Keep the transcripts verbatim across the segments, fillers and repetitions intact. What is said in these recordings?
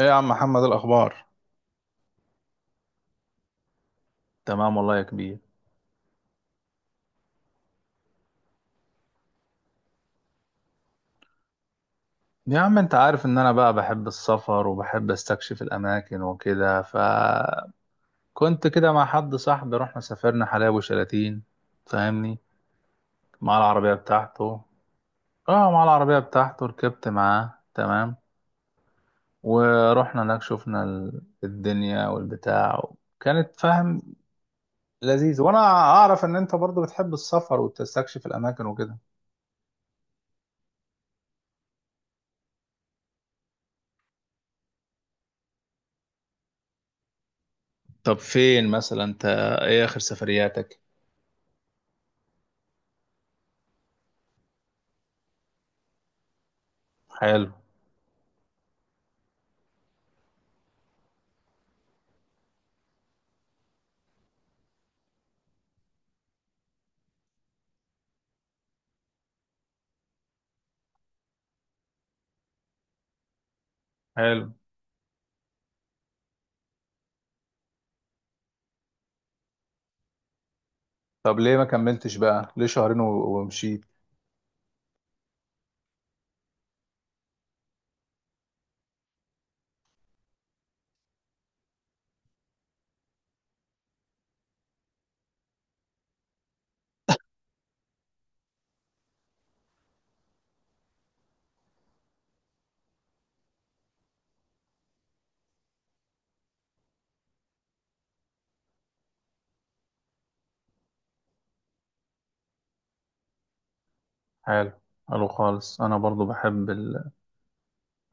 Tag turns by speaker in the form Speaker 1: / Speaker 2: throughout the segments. Speaker 1: ايه يا عم محمد، الاخبار؟ تمام والله يا كبير. يا عم، انت عارف ان انا بقى بحب السفر وبحب استكشف الاماكن وكده، فكنت كده مع حد صاحبي، رحنا سافرنا حلايب وشلاتين، فاهمني، مع العربية بتاعته. اه، مع العربية بتاعته، ركبت معاه، تمام. ورحنا هناك، شفنا ال- الدنيا والبتاع، كانت فاهم، لذيذ. وانا اعرف ان انت برضو بتحب السفر وتستكشف الاماكن وكده. طب فين مثلا انت؟ ايه اخر سفرياتك؟ حلو. حلو. طب ليه ما كملتش بقى؟ ليه شهرين و- ومشيت؟ حلو. حلو خالص، انا برضو بحب ال-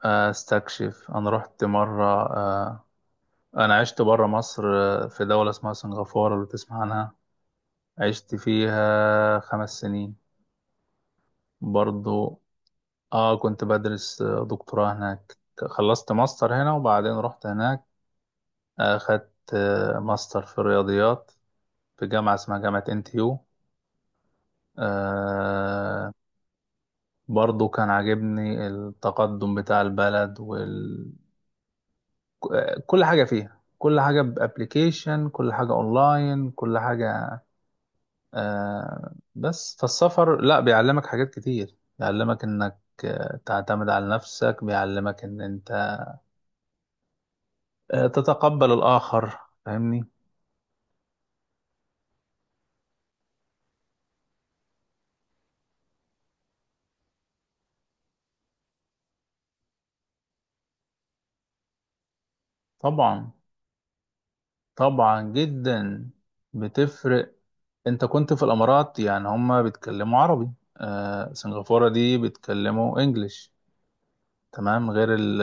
Speaker 1: آه، استكشف. انا رحت مره. آه، انا عشت بره مصر، آه، في دوله اسمها سنغافوره، لو تسمع عنها. عشت فيها خمس سنين برضو. اه، كنت بدرس آه، دكتوراه هناك. خلصت ماستر هنا وبعدين رحت هناك. اخدت آه، ماستر في الرياضيات، في جامعه اسمها جامعه انتيو. برضو كان عاجبني التقدم بتاع البلد وال... كل حاجة فيها، كل حاجة بأبليكيشن، كل حاجة أونلاين، كل حاجة. آه بس فالسفر، لا، بيعلمك حاجات كتير، بيعلمك إنك آه، تعتمد على نفسك، بيعلمك إن أنت آه تتقبل الآخر، فاهمني. طبعا. طبعا جدا، بتفرق. أنت كنت في الإمارات، يعني هما بيتكلموا عربي. آه سنغافورة دي بيتكلموا إنجليش، تمام، غير ال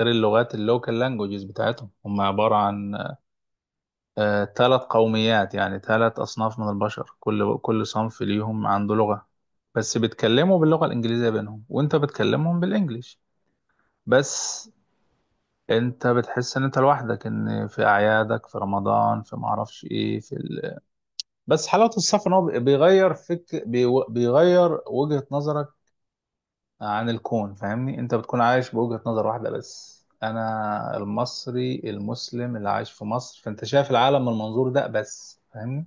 Speaker 1: غير اللغات اللوكال لانجوجز بتاعتهم، هم عبارة عن ثلاث قوميات، يعني ثلاث أصناف من البشر، كل كل صنف ليهم عنده لغة، بس بيتكلموا باللغة الإنجليزية بينهم، وأنت بتكلمهم بالإنجليش بس. أنت بتحس إن أنت لوحدك، إن في أعيادك، في رمضان، في معرفش إيه، في ال... بس حلاوة السفر إن هو بيغير فك، بي... بيغير وجهة نظرك عن الكون، فاهمني. انت بتكون عايش بوجهة نظر واحدة بس، انا المصري المسلم اللي عايش في مصر، فانت شايف العالم من المنظور ده بس، فاهمني.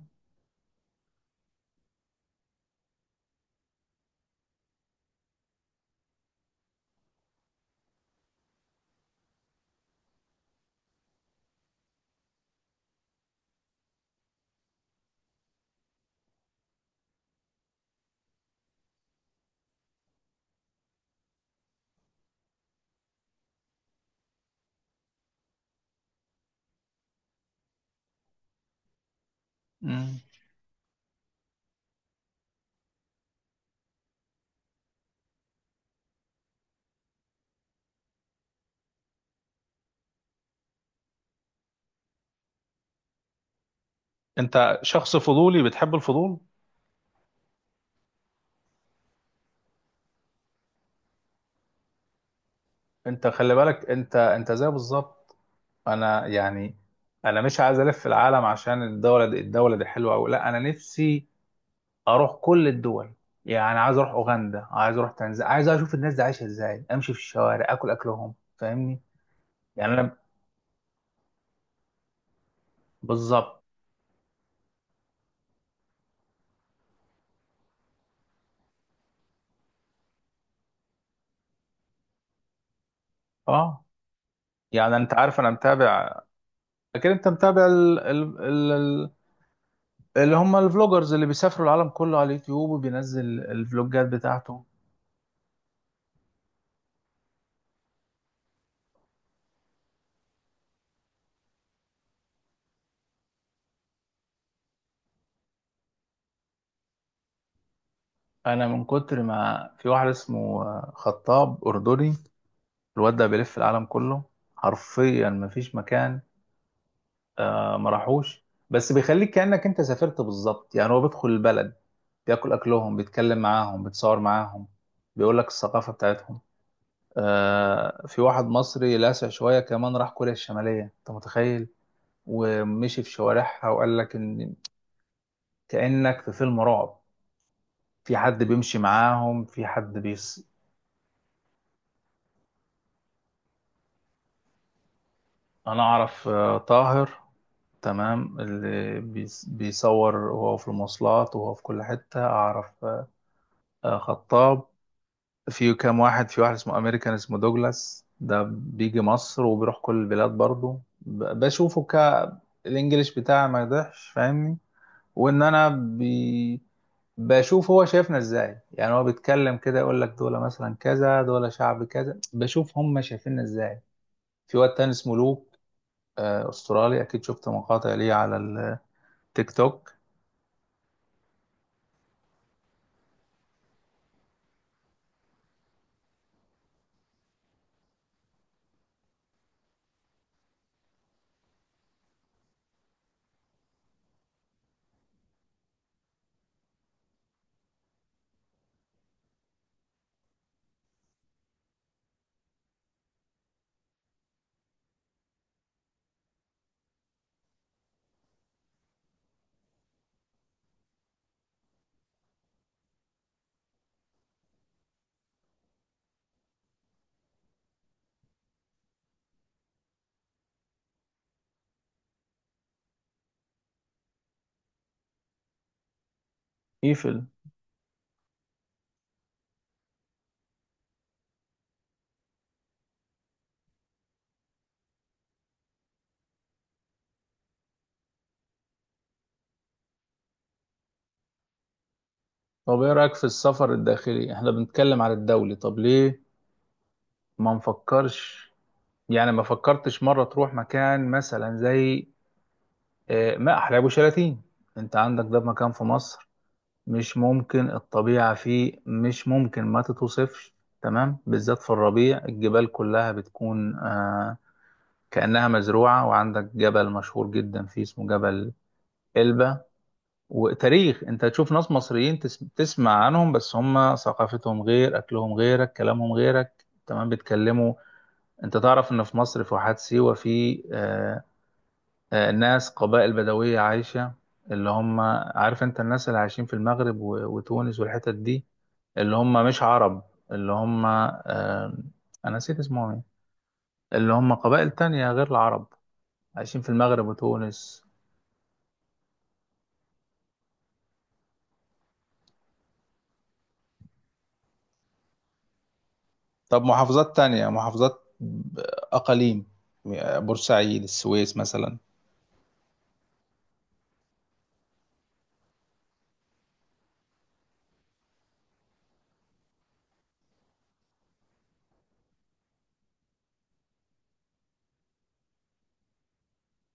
Speaker 1: مم. انت شخص فضولي، بتحب الفضول. انت خلي بالك، انت انت زي بالظبط انا، يعني. انا مش عايز الف في العالم عشان الدولة دي الدولة دي حلوة او لا، انا نفسي اروح كل الدول، يعني عايز اروح اوغندا، عايز اروح تنزانيا، عايز اشوف الناس دي عايشة ازاي، امشي في الشوارع، اكل اكلهم، فاهمني. يعني انا، بالظبط. اه، يعني انت عارف، انا متابع. اكيد انت متابع ال... ال... ال... ال- اللي هم الفلوجرز اللي بيسافروا العالم كله على اليوتيوب، وبينزل الفلوجات بتاعته. انا من كتر ما، في واحد اسمه خطاب اردني، الواد ده بيلف العالم كله حرفيا، ما فيش مكان آه، ما راحوش، بس بيخليك كأنك انت سافرت بالظبط. يعني هو بيدخل البلد، بياكل اكلهم، بيتكلم معاهم، بيتصور معاهم، بيقول لك الثقافة بتاعتهم. آه، في واحد مصري لاسع شوية كمان، راح كوريا الشمالية، انت متخيل؟ ومشي في شوارعها وقال لك ان كأنك في فيلم رعب، في حد بيمشي معاهم، في حد بيص... انا اعرف، آه، طاهر، تمام، اللي بيص- بيصور وهو في المواصلات وهو في كل حتة، اعرف، آه، آه، خطاب. في كام واحد، في واحد اسمه امريكان، اسمه دوجلاس، ده بيجي مصر وبيروح كل البلاد برضه، ب- بشوفه ك، الانجليش بتاعي ما يضحش، فاهمني، وان انا بي... بشوف هو شايفنا ازاي، يعني هو بيتكلم كده يقول لك دول مثلا كذا، دول شعب كذا، بشوف هم شايفيننا ازاي. في واد تاني اسمه لوك، آه، استرالي، اكيد شفت مقاطع ليه على التيك توك. ايفل. طب ايه رايك في السفر الداخلي؟ احنا بنتكلم على الدولي، طب ليه ما نفكرش؟ يعني ما فكرتش مره تروح مكان مثلا زي، آه، ما احلى ابو شلاتين، انت عندك ده مكان في مصر، مش ممكن، الطبيعة فيه مش ممكن ما تتوصفش، تمام، بالذات في الربيع الجبال كلها بتكون، آه كأنها مزروعة. وعندك جبل مشهور جدا فيه اسمه جبل إلبة، وتاريخ، انت تشوف ناس مصريين تس- تسمع عنهم، بس هم ثقافتهم غير، أكلهم غيرك، كلامهم غيرك، تمام، بيتكلموا. انت تعرف ان في مصر في واحات سيوة، في، آه آه ناس قبائل بدوية عايشة، اللي هم، عارف انت الناس اللي عايشين في المغرب و- وتونس والحتت دي، اللي هم مش عرب، اللي هم، آه، انا نسيت اسمهم ايه، اللي هم قبائل تانية غير العرب، عايشين في المغرب وتونس. طب محافظات تانية، محافظات ب- اقاليم، بورسعيد، السويس مثلا.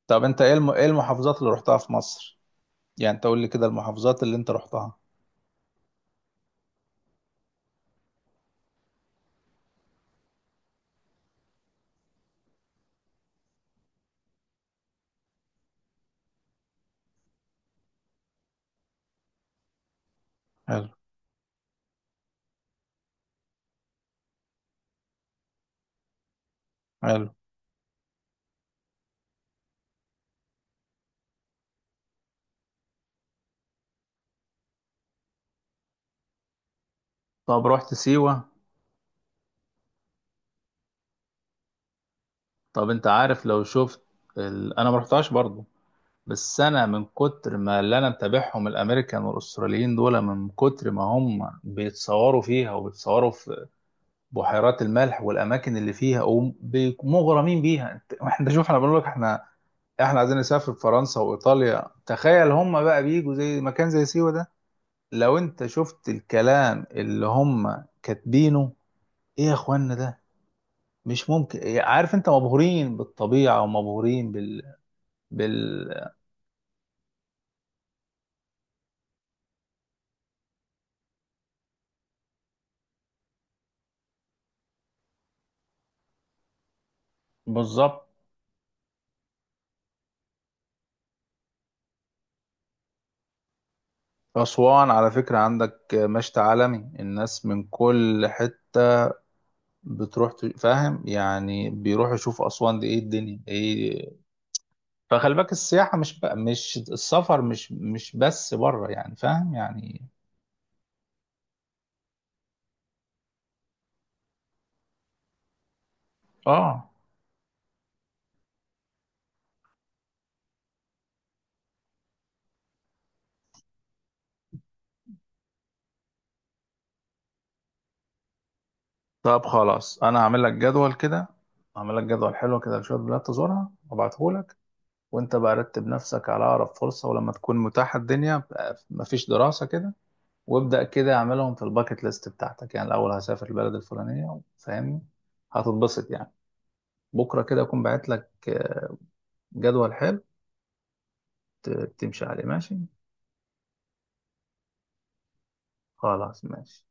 Speaker 1: طب انت ايه الم- إيه المحافظات اللي رحتها في مصر؟ يعني تقول لي كده المحافظات اللي انت رحتها. حلو. حلو. طب رحت سيوة؟ طب انت عارف، لو شفت ال... انا ما رحتهاش برضو، بس انا من كتر ما، اللي انا متابعهم الامريكان والاستراليين دول، من كتر ما هم بيتصوروا فيها وبيتصوروا في بحيرات الملح والاماكن اللي فيها، ومغرمين بيها، انت، احنا شوف، احنا بنقول لك، احنا احنا عايزين نسافر فرنسا وايطاليا، تخيل هم بقى بيجوا زي مكان زي سيوة ده. لو انت شفت الكلام اللي هم كاتبينه، ايه يا اخوانا ده، مش ممكن، عارف انت، مبهورين بالطبيعة، ومبهورين بال... بال... بالظبط. أسوان على فكرة عندك مشت عالمي، الناس من كل حتة بتروح، ت- فاهم يعني، بيروحوا يشوفوا أسوان دي، إيه الدنيا إيه. فخلي بالك، السياحة مش بقى، مش السفر، مش مش بس بره، يعني فاهم يعني. آه طب خلاص، أنا هعمل لك جدول كده. هعمل لك جدول حلو كده لشوية بلاد تزورها، وأبعته لك، وأنت بقى رتب نفسك على أقرب فرصة، ولما تكون متاحة الدنيا بقى، مفيش دراسة كده، وابدأ كده اعملهم في الباكت ليست بتاعتك، يعني الأول هسافر البلد الفلانية، فاهمني، هتتبسط يعني. بكرة كده أكون باعت لك آه، جدول حلو ت- تمشي عليه، ماشي. خلاص ماشي.